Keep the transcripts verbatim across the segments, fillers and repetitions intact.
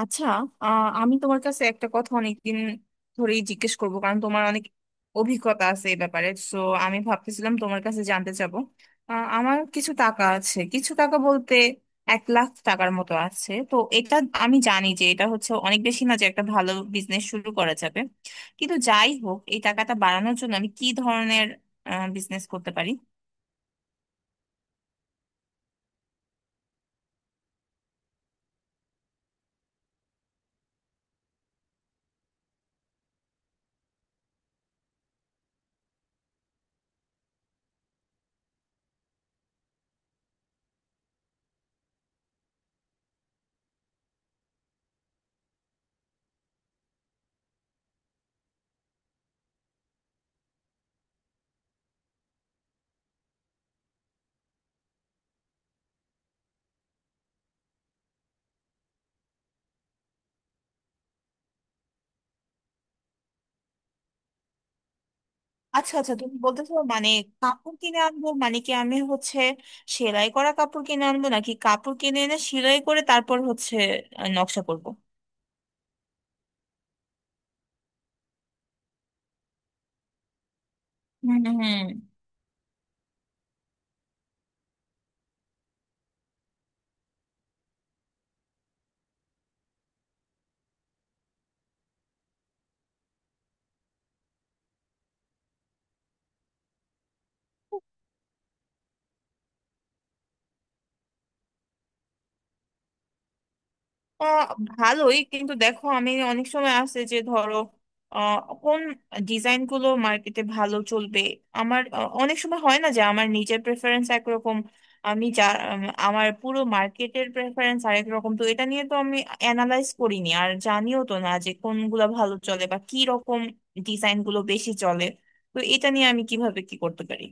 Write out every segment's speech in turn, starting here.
আচ্ছা। আহ, আমি তোমার কাছে একটা কথা অনেকদিন ধরেই জিজ্ঞেস করব, কারণ তোমার অনেক অভিজ্ঞতা আছে এই ব্যাপারে। সো আমি ভাবতেছিলাম তোমার কাছে জানতে চাবো। আহ, আমার কিছু টাকা আছে, কিছু টাকা বলতে এক লাখ টাকার মতো আছে। তো এটা আমি জানি যে এটা হচ্ছে অনেক বেশি না যে একটা ভালো বিজনেস শুরু করা যাবে, কিন্তু যাই হোক এই টাকাটা বাড়ানোর জন্য আমি কি ধরনের বিজনেস করতে পারি? আচ্ছা আচ্ছা, তুমি বলতেছো মানে কাপড় কিনে আনবো মানে কি, আমি হচ্ছে সেলাই করা কাপড় কিনে আনবো নাকি কাপড় কিনে এনে সেলাই করে তারপর হচ্ছে আহ, নকশা করব? হুম হুম। আহ ভালোই, কিন্তু দেখো আমি অনেক সময় আছে যে ধরো আহ কোন ডিজাইন গুলো মার্কেটে ভালো চলবে। আমার আহ, অনেক সময় হয় না যে আমার নিজের প্রেফারেন্স একরকম, আমি যা উম, আমার পুরো মার্কেটের প্রেফারেন্স আরেক রকম। তো এটা নিয়ে তো আমি অ্যানালাইজ করিনি, আর জানিও তো না যে কোনগুলো ভালো চলে বা কি রকম ডিজাইন গুলো বেশি চলে। তো এটা নিয়ে আমি কিভাবে কি করতে পারি?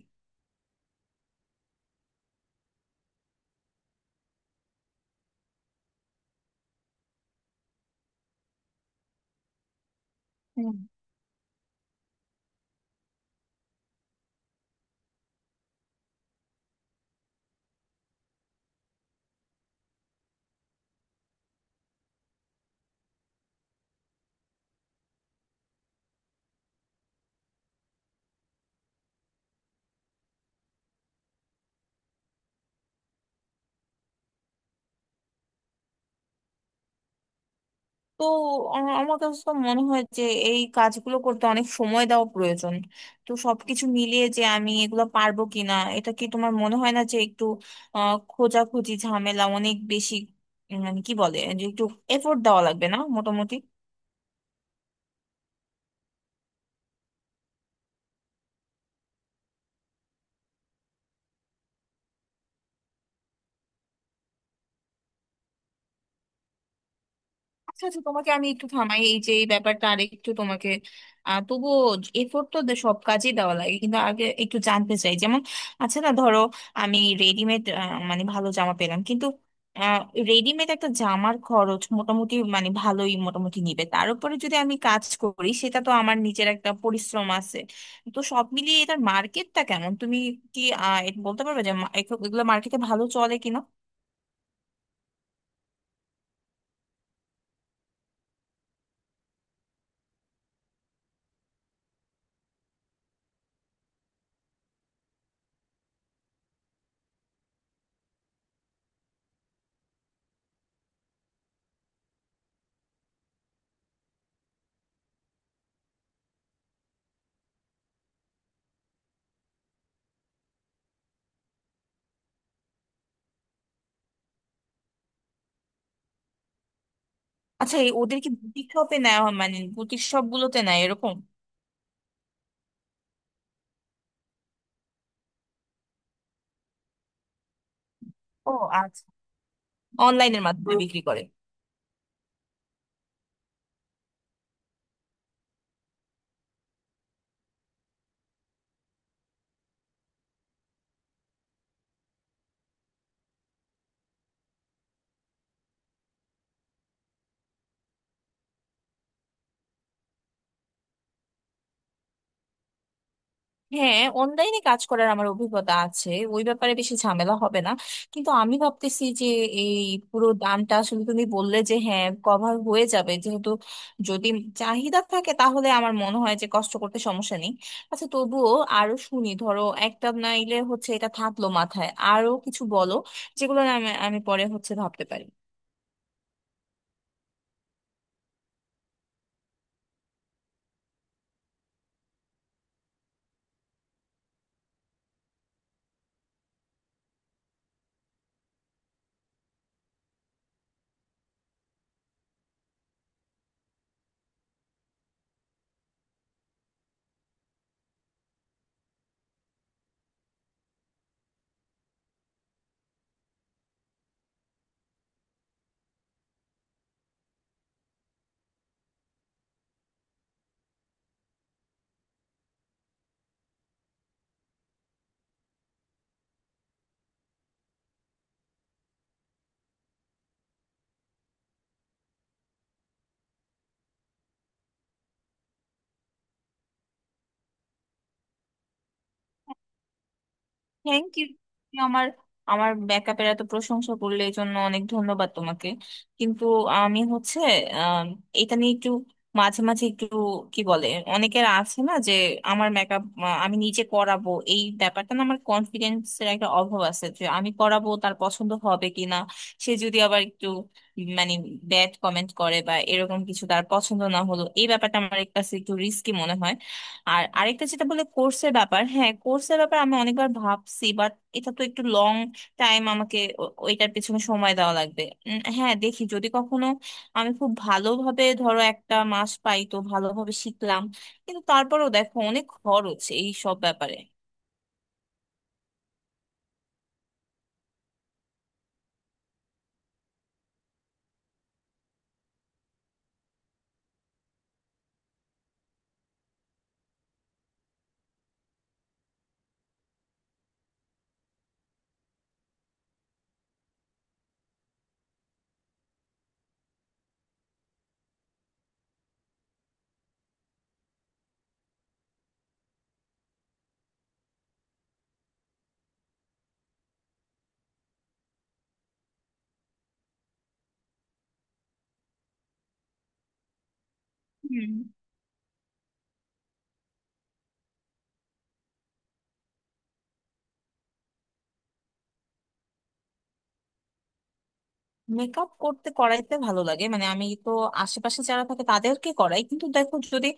তো আ- আমার কাছে তো মনে হয় যে এই কাজগুলো করতে অনেক সময় দেওয়া প্রয়োজন। তো সবকিছু মিলিয়ে যে আমি এগুলো পারবো কিনা, এটা কি তোমার মনে হয় না যে একটু আহ খোঁজাখুঁজি ঝামেলা অনেক বেশি? উম, মানে কি বলে যে একটু এফোর্ট দেওয়া লাগবে না মোটামুটি? আচ্ছা আচ্ছা, তোমাকে আমি একটু থামাই। এই যে এই ব্যাপারটা আরেকটু তোমাকে, আহ তবুও এফোর্ট তো দে- সব কাজেই দেওয়া লাগে। কিন্তু আগে একটু জানতে চাই, যেমন আচ্ছা না ধরো আমি রেডিমেড মানে ভালো জামা পেলাম, কিন্তু রেডিমেড একটা জামার খরচ মোটামুটি মানে ভালোই মোটামুটি নিবে, তার উপরে যদি আমি কাজ করি সেটা তো আমার নিজের একটা পরিশ্রম আছে। তো সব মিলিয়ে এটার মার্কেটটা কেমন? তুমি কি আহ এটা বলতে পারবে যে মা- এগুলো মার্কেটে ভালো চলে কিনা? আচ্ছা, এই ওদের কি বুটিক শপে নেওয়া হয়, মানে বুটিক শপ গুলোতে নেয় এরকম? ও আচ্ছা, অনলাইনের মাধ্যমে বিক্রি করে। হ্যাঁ, অনলাইনে কাজ করার আমার অভিজ্ঞতা আছে, ওই ব্যাপারে বেশি ঝামেলা হবে না। কিন্তু আমি ভাবতেছি যে এই পুরো দামটা আসলে তুমি বললে যে হ্যাঁ কভার হয়ে যাবে যেহেতু, যদি চাহিদা থাকে তাহলে আমার মনে হয় যে কষ্ট করতে সমস্যা নেই। আচ্ছা তবুও আরো শুনি, ধরো একটা নাইলে হচ্ছে এটা থাকলো মাথায়, আরো কিছু বলো যেগুলো না আমি আমি পরে হচ্ছে ভাবতে পারি। Thank you. আমার আমার ব্যাকআপের এত প্রশংসা করলে, এই জন্য অনেক ধন্যবাদ তোমাকে। কিন্তু আমি হচ্ছে আম, এটা নিয়ে একটু মাঝে মাঝে একটু কি বলে, অনেকের আছে না যে আমার মেকআপ আমি নিজে করাবো, এই ব্যাপারটা না আমার কনফিডেন্সের একটা অভাব আছে যে আমি করাবো তার পছন্দ হবে কিনা। সে যদি আবার একটু মানে ব্যাড কমেন্ট করে বা এরকম কিছু, তার পছন্দ না হলো, এই ব্যাপারটা আমার কাছে একটু রিস্কি মনে হয়। আর আরেকটা যেটা বলে কোর্সের ব্যাপার, হ্যাঁ কোর্সের ব্যাপার আমি অনেকবার ভাবছি, বাট এটা তো একটু লং টাইম, আমাকে ও- ওইটার পেছনে সময় দেওয়া লাগবে। উম, হ্যাঁ, দেখি যদি কখনো আমি খুব ভালোভাবে ধরো একটা মাস পাই তো ভালোভাবে শিখলাম, কিন্তু তারপরেও দেখো অনেক খরচ এই সব ব্যাপারে। হুম। মেকআপ করতে করাইতে ভালো লাগে, মানে আমি তো আশেপাশে যারা থাকে তাদেরকে করাই, কিন্তু দেখো যদি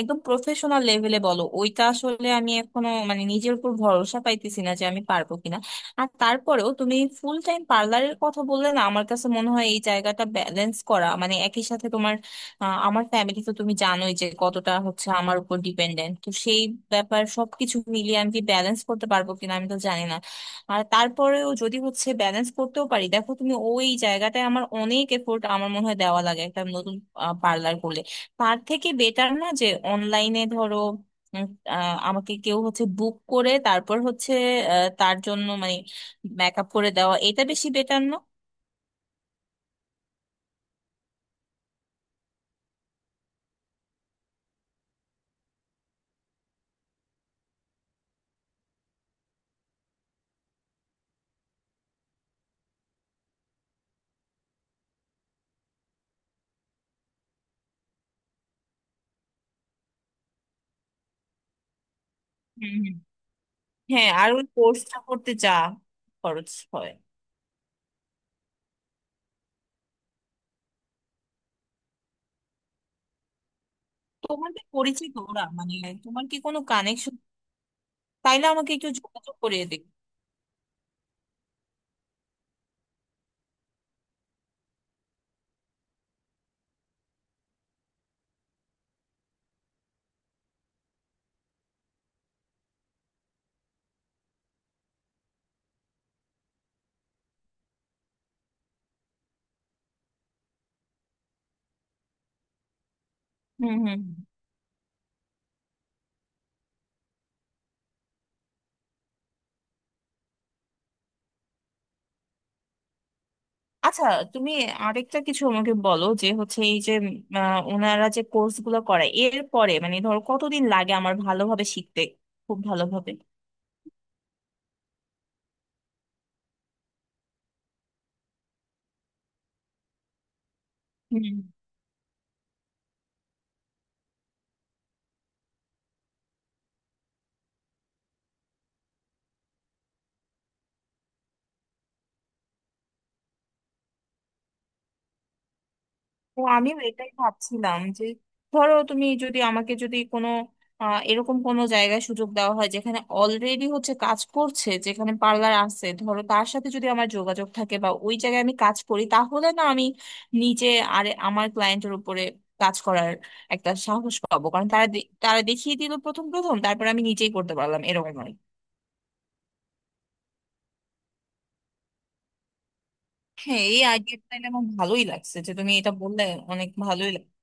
একদম প্রফেশনাল লেভেলে বলো ওইটা আসলে আমি এখনো মানে নিজের উপর ভরসা পাইতেছি না যে আমি পারবো কিনা। আর তারপরেও তুমি ফুল টাইম পার্লারের কথা বললে না, আমার কাছে মনে হয় এই জায়গাটা ব্যালেন্স করা, মানে একই সাথে তোমার আহ, আমার ফ্যামিলি তো তুমি জানোই যে কতটা হচ্ছে আমার উপর ডিপেন্ডেন্ট, তো সেই ব্যাপার সবকিছু মিলিয়ে আমি কি ব্যালেন্স করতে পারবো কিনা আমি তো জানি না। আর তারপরেও যদি হচ্ছে ব্যালেন্স করতেও পারি, দেখো তুমি ওই জায়গাটায় আমার অনেক এফোর্ট আমার মনে হয় দেওয়া লাগে একটা নতুন পার্লার করলে। তার থেকে বেটার না যে অনলাইনে ধরো উম, আহ, আমাকে কেউ হচ্ছে বুক করে, তারপর হচ্ছে আহ, তার জন্য মানে মেকআপ করে দেওয়া, এটা বেশি বেটার না? হুম হুম। হ্যাঁ, আর ওই কোর্সটা করতে যা খরচ হয়? তোমার কি পরিচিত ওরা মানে, তোমার কি কোনো কানেকশন? তাইলে আমাকে একটু যোগাযোগ করিয়ে দিবে? হুম হুম হুম। আচ্ছা, তুমি আরেকটা কিছু আমাকে বলো, যে হচ্ছে এই যে উম, আহ, ওনারা যে কোর্স গুলো করায় এর পরে মানে ধরো কতদিন লাগে আমার ভালোভাবে শিখতে, খুব ভালোভাবে? তো আমি এটাই ভাবছিলাম যে ধরো তুমি যদি আমাকে যদি কোনো আহ, এরকম কোনো জায়গায় সুযোগ দেওয়া হয় যেখানে অলরেডি হচ্ছে কাজ করছে, যেখানে পার্লার আছে, ধরো তার সাথে যদি আমার যোগাযোগ থাকে বা ওই জায়গায় আমি কাজ করি তাহলে না আমি নিজে আর আমার ক্লায়েন্টের উপরে কাজ করার একটা সাহস পাবো, কারণ তারা দে- তারা দেখিয়ে দিল প্রথম প্রথম, তারপর আমি নিজেই করতে পারলাম এরকম নয়। হ্যাঁ, এই আইডিয়াটা আমার ভালোই লাগছে যে তুমি এটা বললে, অনেক ভালোই লাগছে।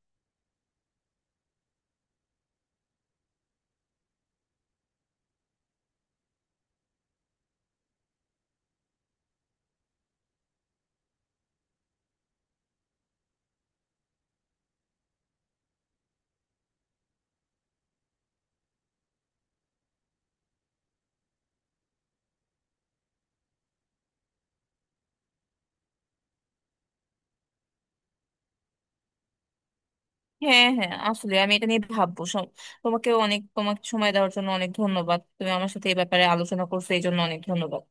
হ্যাঁ হ্যাঁ, আসলে আমি এটা নিয়ে ভাববো সব। তোমাকেও অনেক, তোমাকে সময় দেওয়ার জন্য অনেক ধন্যবাদ। তুমি আমার সাথে এই ব্যাপারে আলোচনা করছো এই জন্য অনেক ধন্যবাদ।